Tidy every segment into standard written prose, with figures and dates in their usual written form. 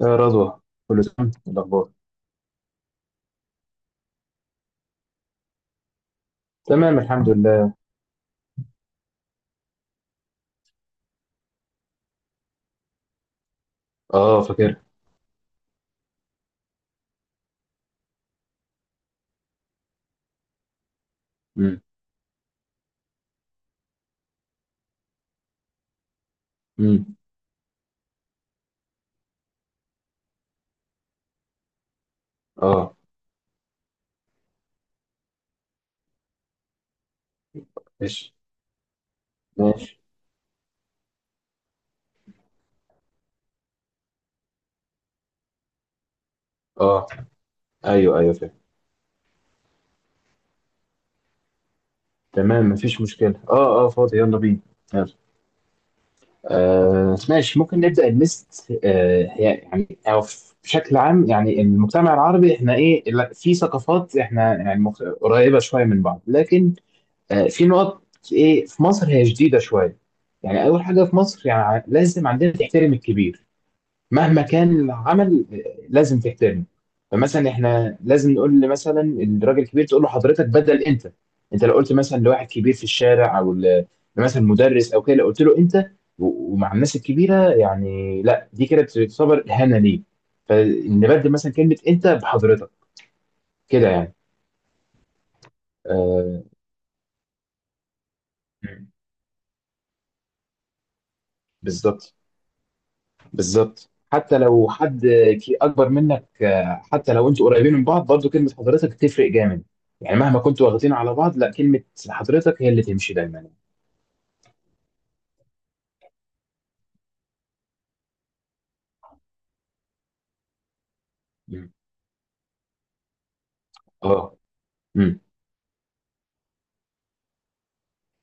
يا رضوى، كله تمام؟ إيه الأخبار؟ تمام الحمد لله. اه، فاكر. امم. امم. اه، ماشي. ماشي. اه، ايوه ايوه فاكر. تمام مفيش مشكلة، اه اه فاضي، يلا بينا. يلا. آه ماشي، ممكن نبدأ الليست. آه يعني أو بشكل عام يعني المجتمع العربي احنا ايه في ثقافات احنا يعني قريبة شوية من بعض، لكن آه في نقط. ايه في مصر هي جديدة شوية. يعني أول حاجة في مصر يعني لازم عندنا تحترم الكبير مهما كان العمل، لازم تحترمه. فمثلا احنا لازم نقول مثلا الراجل الكبير تقول له حضرتك بدل انت. انت لو قلت مثلا لواحد كبير في الشارع او مثلا مدرس او كده، لو قلت له انت ومع الناس الكبيره يعني لا، دي كده بتعتبر اهانه ليه. فنبدل مثلا كلمه انت بحضرتك كده يعني. آه بالظبط. بالظبط حتي لو حد اكبر منك، آه حتى لو انتوا قريبين من بعض برضو كلمه حضرتك تفرق جامد. يعني مهما كنتوا واخدين على بعض، لا، كلمه حضرتك هي اللي تمشي دايما. مم. اه. مم.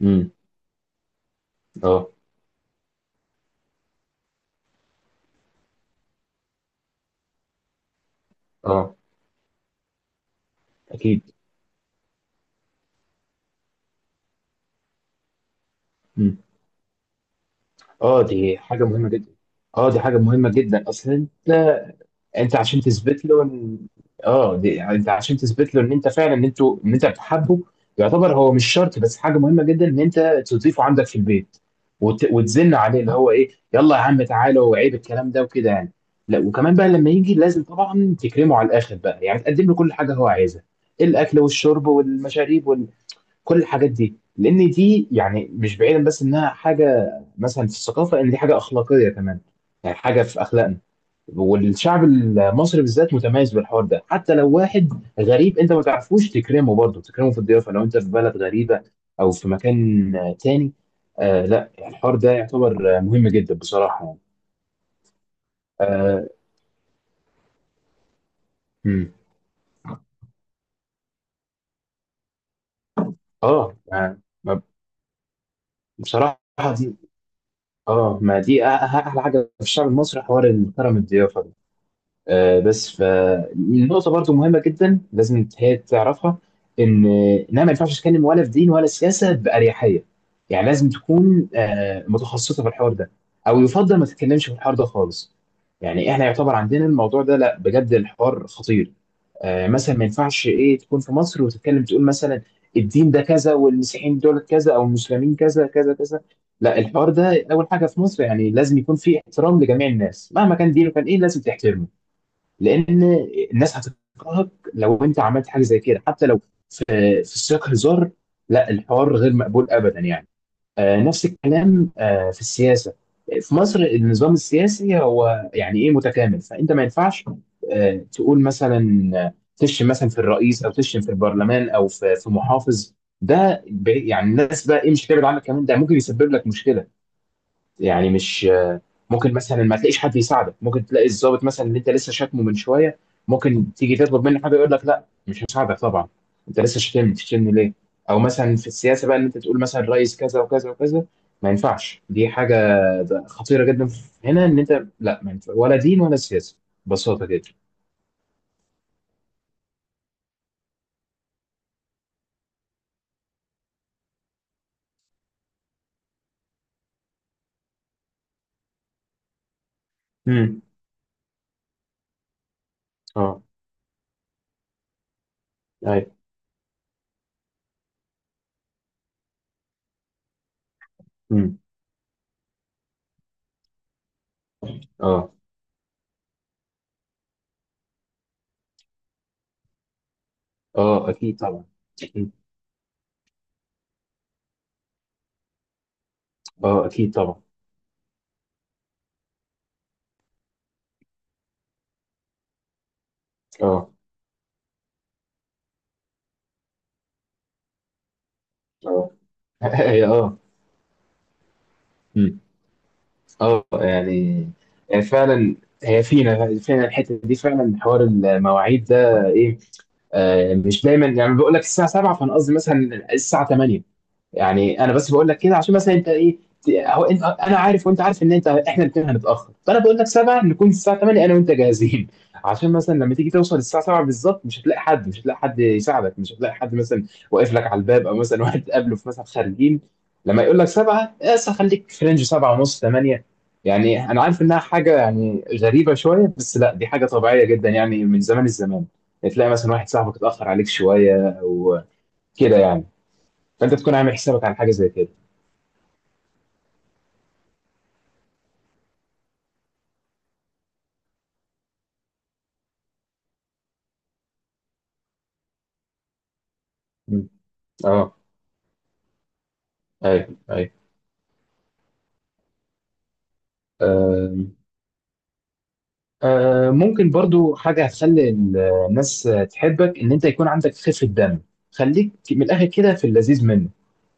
مم. اه. اه اكيد. مم. اه دي حاجه مهمه جدا. اه دي حاجه مهمه جدا اصلا. انت عشان تثبت له ان اه دي... يعني انت عشان تثبت له ان انت فعلا ان انت بتحبه. يعتبر هو مش شرط، بس حاجه مهمه جدا ان انت تضيفه عندك في البيت وتزن عليه، اللي هو ايه يلا يا عم تعالى وعيب الكلام ده وكده يعني. لا، وكمان بقى لما يجي لازم طبعا تكرمه على الاخر بقى، يعني تقدم له كل حاجه هو عايزها، الاكل والشرب والمشاريب وكل الحاجات دي، لان دي يعني مش بعيدا، بس انها حاجه مثلا في الثقافه ان دي حاجه اخلاقيه كمان، يعني حاجه في اخلاقنا. والشعب المصري بالذات متميز بالحوار ده. حتى لو واحد غريب انت ما تعرفوش، تكرمه برضه، تكرمه في الضيافه. لو انت في بلد غريبه او في مكان آه تاني. آه لا، الحوار ده يعتبر آه مهم جدا بصراحه يعني. اه. مم. آه ما- ما- بصراحه دي اه ما احلى حاجه في الشعب المصري، حوار الكرم الضيافه ده. آه، بس فالنقطة برضو مهمة جدا لازم هي تعرفها، إن إنها ما ينفعش تتكلم ولا في دين ولا سياسة بأريحية. يعني لازم تكون آه متخصصة في الحوار ده، أو يفضل ما تتكلمش في الحوار ده خالص. يعني إحنا يعتبر عندنا الموضوع ده لا، بجد الحوار خطير. آه مثلا ما ينفعش إيه تكون في مصر وتتكلم تقول مثلا الدين ده كذا والمسيحيين دول كذا أو المسلمين كذا كذا كذا. لا الحوار ده، أول حاجة في مصر يعني لازم يكون فيه احترام لجميع الناس. مهما كان دينه كان إيه لازم تحترمه، لان الناس هتكرهك لو انت عملت حاجه زي كده. حتى لو في في سياق هزار، لا الحوار غير مقبول ابدا يعني. آه نفس الكلام آه في السياسه. في مصر النظام السياسي هو يعني ايه متكامل، فانت ما ينفعش آه تقول مثلا آه تشتم مثلا في الرئيس او تشتم في البرلمان او في محافظ. يعني الناس بقى ايه مش هتبعد عنك، كمان ده ممكن يسبب لك مشكله. يعني مش ممكن مثلا ما تلاقيش حد يساعدك. ممكن تلاقي الضابط مثلا اللي انت لسه شاتمه من شويه، ممكن تيجي تطلب منه حاجه يقول لك لا مش هساعدك طبعا، انت لسه شاتمني، تشتمني ليه؟ او مثلا في السياسه بقى ان انت تقول مثلا رئيس كذا وكذا وكذا، ما ينفعش. دي حاجه خطيره جدا هنا. ان انت لا ما ينفع ولا دين ولا سياسه، ببساطه جدا. امم. اه. ايوه. امم. اه. اه اكيد طبعا. اكيد. اه اكيد طبعا. اه. اه. اه. مم. اه يعني. يعني فعلا هي فينا فينا الحته دي فعلا، حوار المواعيد ده ايه. آه مش دايما، يعني بقول لك الساعه 7 فانا قصدي مثلا الساعه 8. يعني أنا بس باقول لك كده عشان مثلًا أنت إيه ت أهو أنت أنا عارف وأنت عارف إن إحنا الاتنين هنتأخر، فأنا باقول لك 19:00 نكون الساعة 20:00 أنا وأنت جاهزين. عشان مثلًا لمّا تيجي توصل الساعة 19:00 بالضبط مش هتلاقي حد، مش هتلاقي حد يساعدك، مش هتلاقي حد مثلًا واقف لك على الباب، أو مثلًا واحد تقابله في مثلًا خارجين. لمّا يقول لك 19:00 مثلًا خلّيك في رينج 19:30 20:00. يعني أنا عارف إنها حاجة يعني غريبة شوية، بس لأ دي حاجة طبيعية جدًا يعني من زمان الزمان. تلاقي مثلًا واحد صاحبك اتأخر عليك شوية أو كده يعني. فانت تكون عامل حسابك على حاجه زي كده. مم. اه. ايوه ايوه. آم. آه ممكن برضو حاجة هتخلي الناس تحبك، إن أنت يكون عندك خفة دم. خليك من الآخر كده في اللذيذ منه.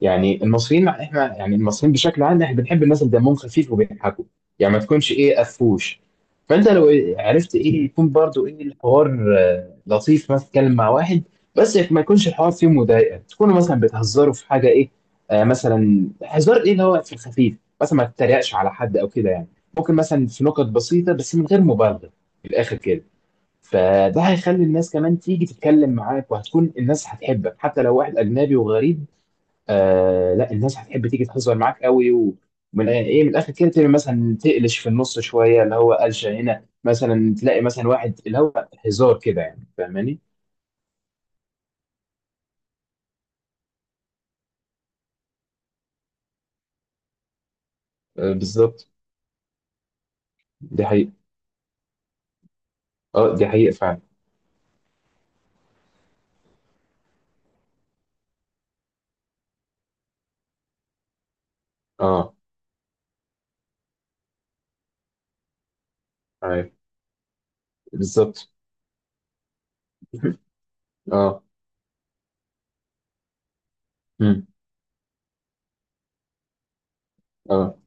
يعني المصريين إحنا، يعني المصريين بشكل عام إحنا بنحب الناس اللي دمهم خفيف وبيضحكوا. يعني ما تكونش إيه قفوش. فأنت لو عرفت إيه يكون برضو إيه الحوار آه لطيف، مثلا تتكلم مع واحد، بس ما يكونش الحوار فيه مضايقة. تكونوا مثلا بتهزروا في حاجة إيه، آه مثلا هزار إيه اللي هو في الخفيف. مثلا ما تتريقش على حد أو كده يعني. ممكن مثلا في نقط بسيطة بس من غير مبالغة، من الآخر كده. فده هيخلي الناس كمان تيجي تتكلم معاك، وهتكون الناس هتحبك حتى لو واحد أجنبي وغريب. آه لا الناس هتحب تيجي تهزر معاك قوي، ومن ايه من الآخر كده تبقى مثلا تقلش في النص شوية، اللي هو قلشة هنا مثلا تلاقي مثلا واحد اللي هو هزار كده يعني، فاهماني؟ آه بالظبط. دي حقيقة. اه دي حقيقة فعلا. اه. أيوة. بالظبط. اه. مم. اه.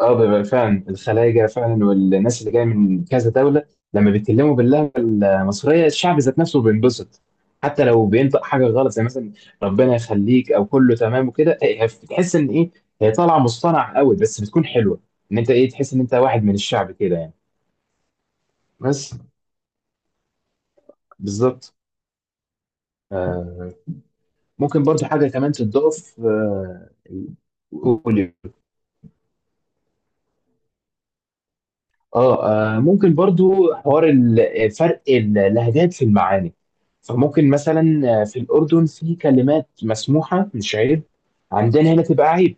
اه بيبقى فعلا الخلايجه فعلا والناس اللي جايه من كذا دوله لما بيتكلموا باللهجه المصريه الشعب ذات نفسه بينبسط. حتى لو بينطق حاجه غلط زي مثلا ربنا يخليك او كله تمام وكده، إيه بتحس ان ايه هي طالعه مصطنعه قوي، بس بتكون حلوه، ان انت ايه تحس ان انت واحد من الشعب كده يعني. بس. بالظبط. آه. ممكن برضو حاجه كمان تضاف. آه قول. اه. آه ممكن برضو حوار فرق اللهجات في المعاني. فممكن مثلا آه في الأردن في كلمات مسموحة مش عيب، عندنا هنا تبقى عيب،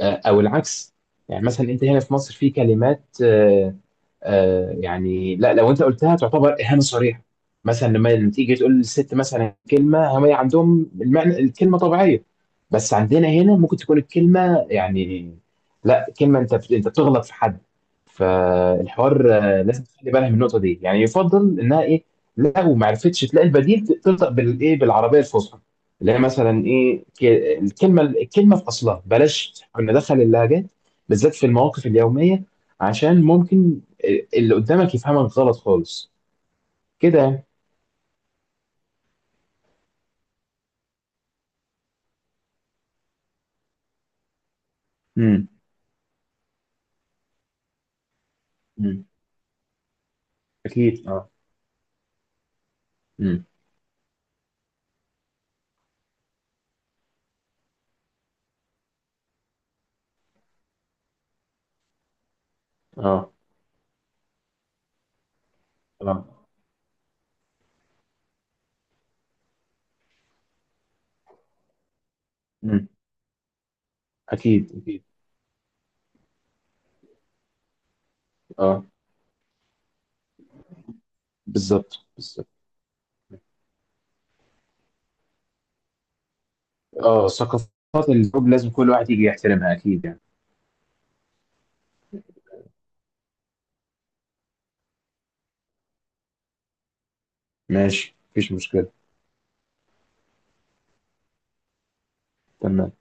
آه او العكس. يعني مثلا انت هنا في مصر في كلمات آه آه يعني لا لو انت قلتها تعتبر اهانه صريحه. مثلا لما تيجي تقول للست مثلا كلمه، هم عندهم المعنى الكلمه طبيعيه، بس عندنا هنا ممكن تكون الكلمه يعني لا، كلمه انت بتغلط في حد. فالحوار آه لازم تخلي بالها من النقطه دي. يعني يفضل انها ايه لو ما عرفتش تلاقي البديل، تنطق بالايه بالعربيه الفصحى، اللي هي مثلا ايه الكلمه في اصلها، بلاش ندخل اللهجات بالذات في المواقف اليوميه، عشان ممكن اللي قدامك يفهمك غلط خالص كده. امم. امم اكيد. اه. امم. اه. اه. امم. اكيد اكيد. اه بالظبط بالظبط. اه، ثقافات الجروب لازم كل واحد يجي يحترمها اكيد يعني. ماشي مفيش مشكله. تمام.